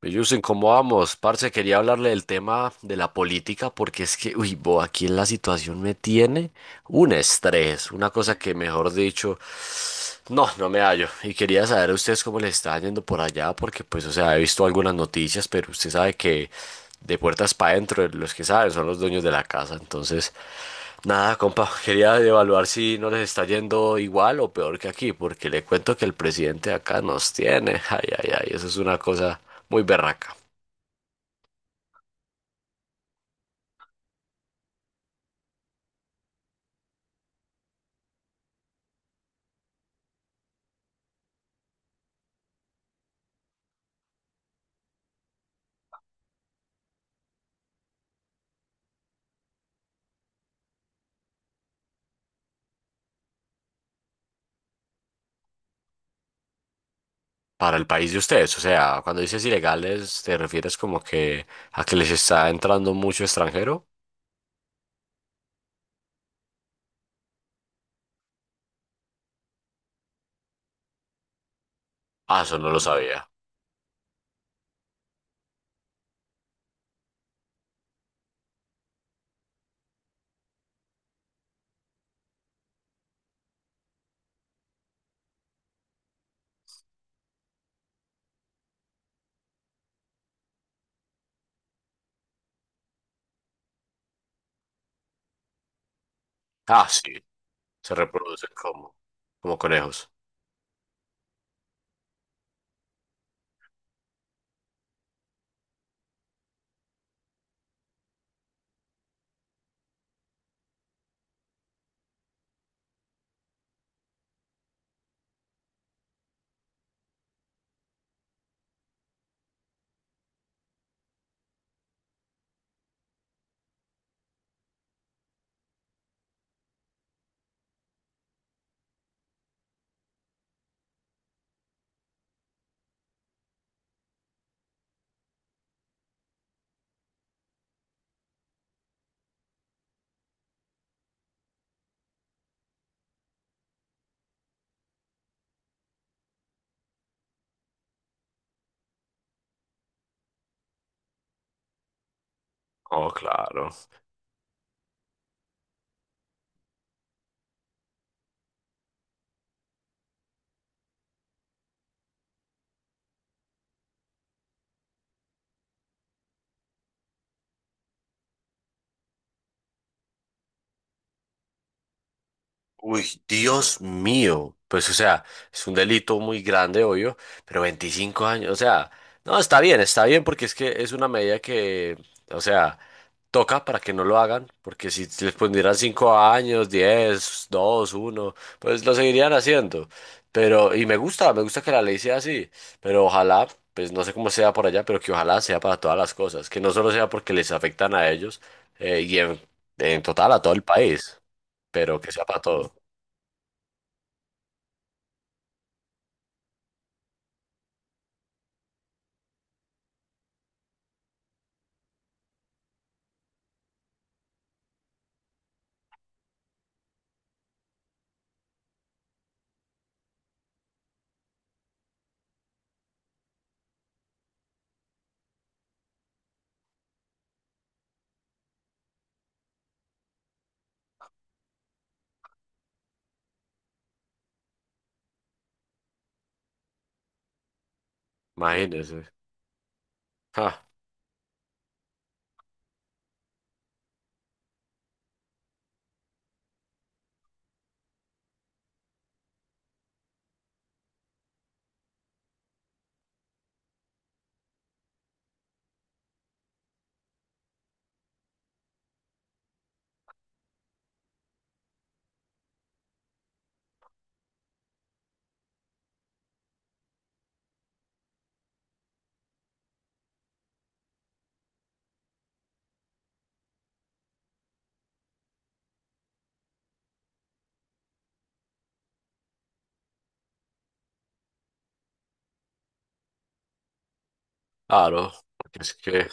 Bellusen, ¿cómo vamos? Parce, quería hablarle del tema de la política porque es que, uy, bo, aquí en la situación me tiene un estrés, una cosa que, mejor dicho, no me hallo. Y quería saber a ustedes cómo les está yendo por allá porque, pues, o sea, he visto algunas noticias, pero usted sabe que de puertas para adentro los que saben son los dueños de la casa. Entonces, nada, compa, quería evaluar si no les está yendo igual o peor que aquí porque le cuento que el presidente de acá nos tiene. Ay, ay, ay, eso es una cosa muy berraca para el país de ustedes. O sea, cuando dices ilegales, ¿te refieres como que a que les está entrando mucho extranjero? Ah, eso no lo sabía. Ah, sí, se reproducen como, como conejos. Oh, claro. Uy, Dios mío. Pues, o sea, es un delito muy grande, obvio, pero 25 años, o sea, no, está bien, porque es que es una medida que, o sea, toca para que no lo hagan, porque si les pondrían 5 años, diez, dos, uno, pues lo seguirían haciendo. Pero, y me gusta que la ley sea así, pero ojalá, pues no sé cómo sea por allá, pero que ojalá sea para todas las cosas, que no solo sea porque les afectan a ellos, y en total a todo el país, pero que sea para todo. Imagínese. Ah, claro. Porque es que,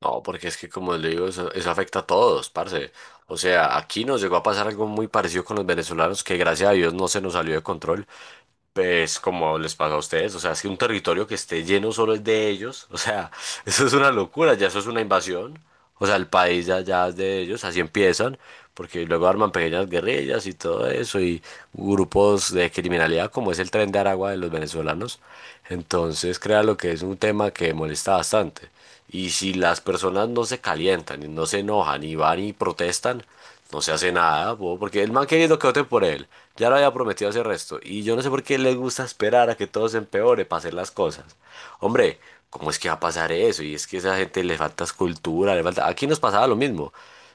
no, porque es que como le digo, eso afecta a todos, parce. O sea, aquí nos llegó a pasar algo muy parecido con los venezolanos que gracias a Dios no se nos salió de control. Pues como les pasa a ustedes, o sea, es que un territorio que esté lleno solo es de ellos, o sea, eso es una locura, ya eso es una invasión, o sea, el país ya, ya es de ellos, así empiezan, porque luego arman pequeñas guerrillas y todo eso, y grupos de criminalidad como es el Tren de Aragua de los venezolanos, entonces crea lo que es un tema que molesta bastante. Y si las personas no se calientan, y no se enojan y van y protestan, no se hace nada, po, porque el man querido que voten por él, ya lo había prometido hacer resto. Y yo no sé por qué les gusta esperar a que todo se empeore para hacer las cosas. Hombre, ¿cómo es que va a pasar eso? Y es que a esa gente le falta escultura, le falta... Aquí nos pasaba lo mismo.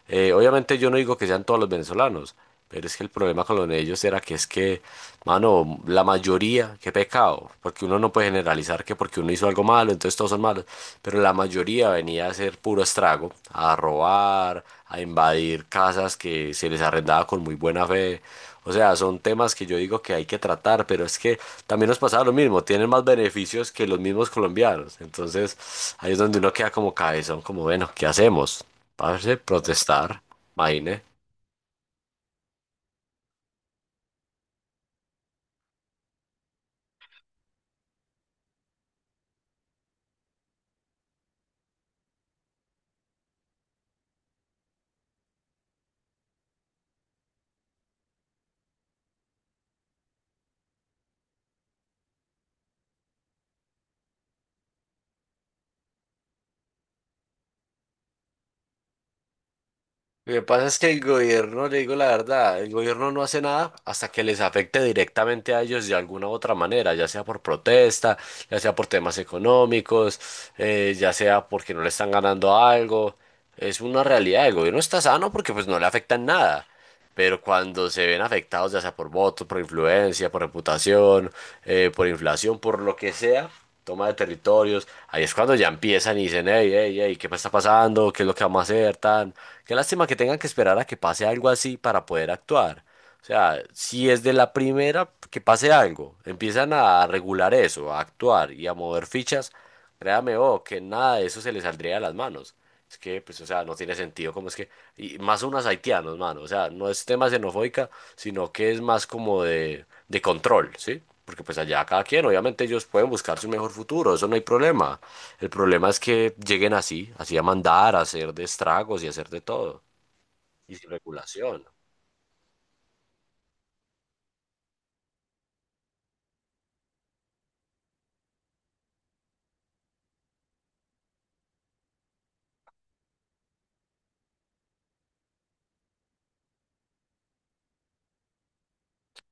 Obviamente yo no digo que sean todos los venezolanos, pero es que el problema con los de ellos era que es que, mano, la mayoría, qué pecado, porque uno no puede generalizar que porque uno hizo algo malo, entonces todos son malos, pero la mayoría venía a hacer puro estrago, a robar, a invadir casas que se les arrendaba con muy buena fe. O sea, son temas que yo digo que hay que tratar, pero es que también nos pasaba lo mismo, tienen más beneficios que los mismos colombianos. Entonces, ahí es donde uno queda como cabezón, como, bueno, ¿qué hacemos? Parce, protestar, imagine. Lo que pasa es que el gobierno, le digo la verdad, el gobierno no hace nada hasta que les afecte directamente a ellos de alguna u otra manera, ya sea por protesta, ya sea por temas económicos, ya sea porque no le están ganando algo. Es una realidad, el gobierno está sano porque pues no le afecta en nada pero cuando se ven afectados ya sea por votos, por influencia, por reputación, por inflación, por lo que sea, toma de territorios, ahí es cuando ya empiezan y dicen, hey, hey, hey, ¿qué me está pasando? ¿Qué es lo que vamos a hacer? Tan... Qué lástima que tengan que esperar a que pase algo así para poder actuar. O sea, si es de la primera que pase algo, empiezan a regular eso, a actuar y a mover fichas, créame, oh, que nada de eso se les saldría de las manos. Es que, pues, o sea, no tiene sentido, como es que, y más unos haitianos, mano, o sea, no es tema xenofóbica, sino que es más como de control, ¿sí? Porque pues allá cada quien, obviamente ellos pueden buscar su mejor futuro, eso no hay problema. El problema es que lleguen así, así a mandar, a hacer de estragos y a hacer de todo, y sin regulación.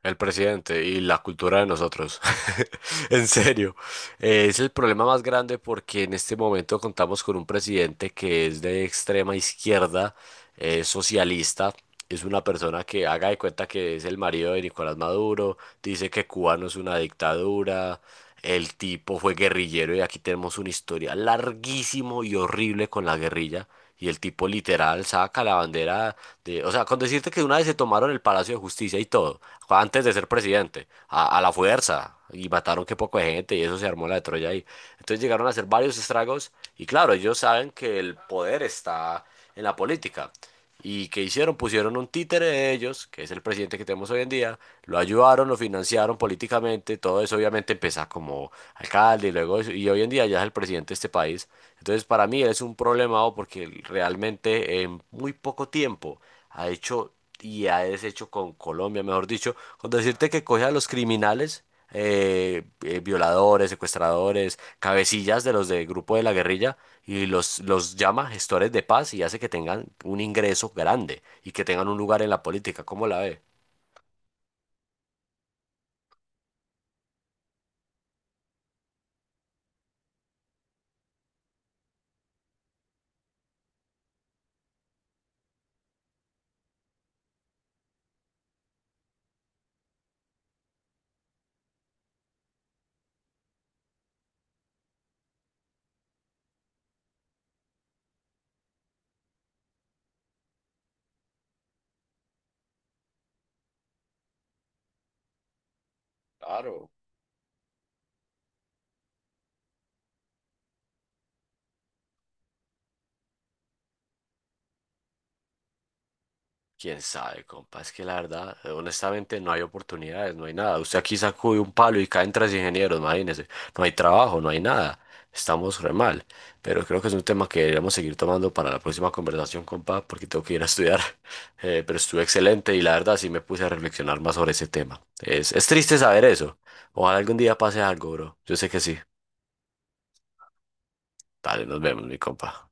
El presidente y la cultura de nosotros. En serio, es el problema más grande porque en este momento contamos con un presidente que es de extrema izquierda, socialista. Es una persona que haga de cuenta que es el marido de Nicolás Maduro, dice que Cuba no es una dictadura, el tipo fue guerrillero y aquí tenemos un historial larguísimo y horrible con la guerrilla. Y el tipo literal saca la bandera de, o sea, con decirte que una vez se tomaron el Palacio de Justicia y todo, antes de ser presidente, a la fuerza, y mataron que poco de gente, y eso se armó la de Troya ahí. Entonces llegaron a hacer varios estragos, y claro, ellos saben que el poder está en la política. ¿Y qué hicieron? Pusieron un títere de ellos, que es el presidente que tenemos hoy en día, lo ayudaron, lo financiaron políticamente, todo eso obviamente empieza como alcalde y luego eso, y hoy en día ya es el presidente de este país. Entonces para mí él es un problemado porque él realmente en muy poco tiempo ha hecho y ha deshecho con Colombia, mejor dicho, con decirte que coge a los criminales. Violadores, secuestradores, cabecillas de los del grupo de la guerrilla y los llama gestores de paz y hace que tengan un ingreso grande y que tengan un lugar en la política. ¿Cómo la ve? Claro. Quién sabe, compa, es que la verdad, honestamente, no hay oportunidades, no hay nada. Usted aquí sacude un palo y caen tres ingenieros, imagínese. No hay trabajo, no hay nada. Estamos re mal. Pero creo que es un tema que deberíamos seguir tomando para la próxima conversación, compa, porque tengo que ir a estudiar. Pero estuvo excelente y la verdad sí me puse a reflexionar más sobre ese tema. Es triste saber eso. Ojalá algún día pase algo, bro. Yo sé que sí. Dale, nos vemos, mi compa.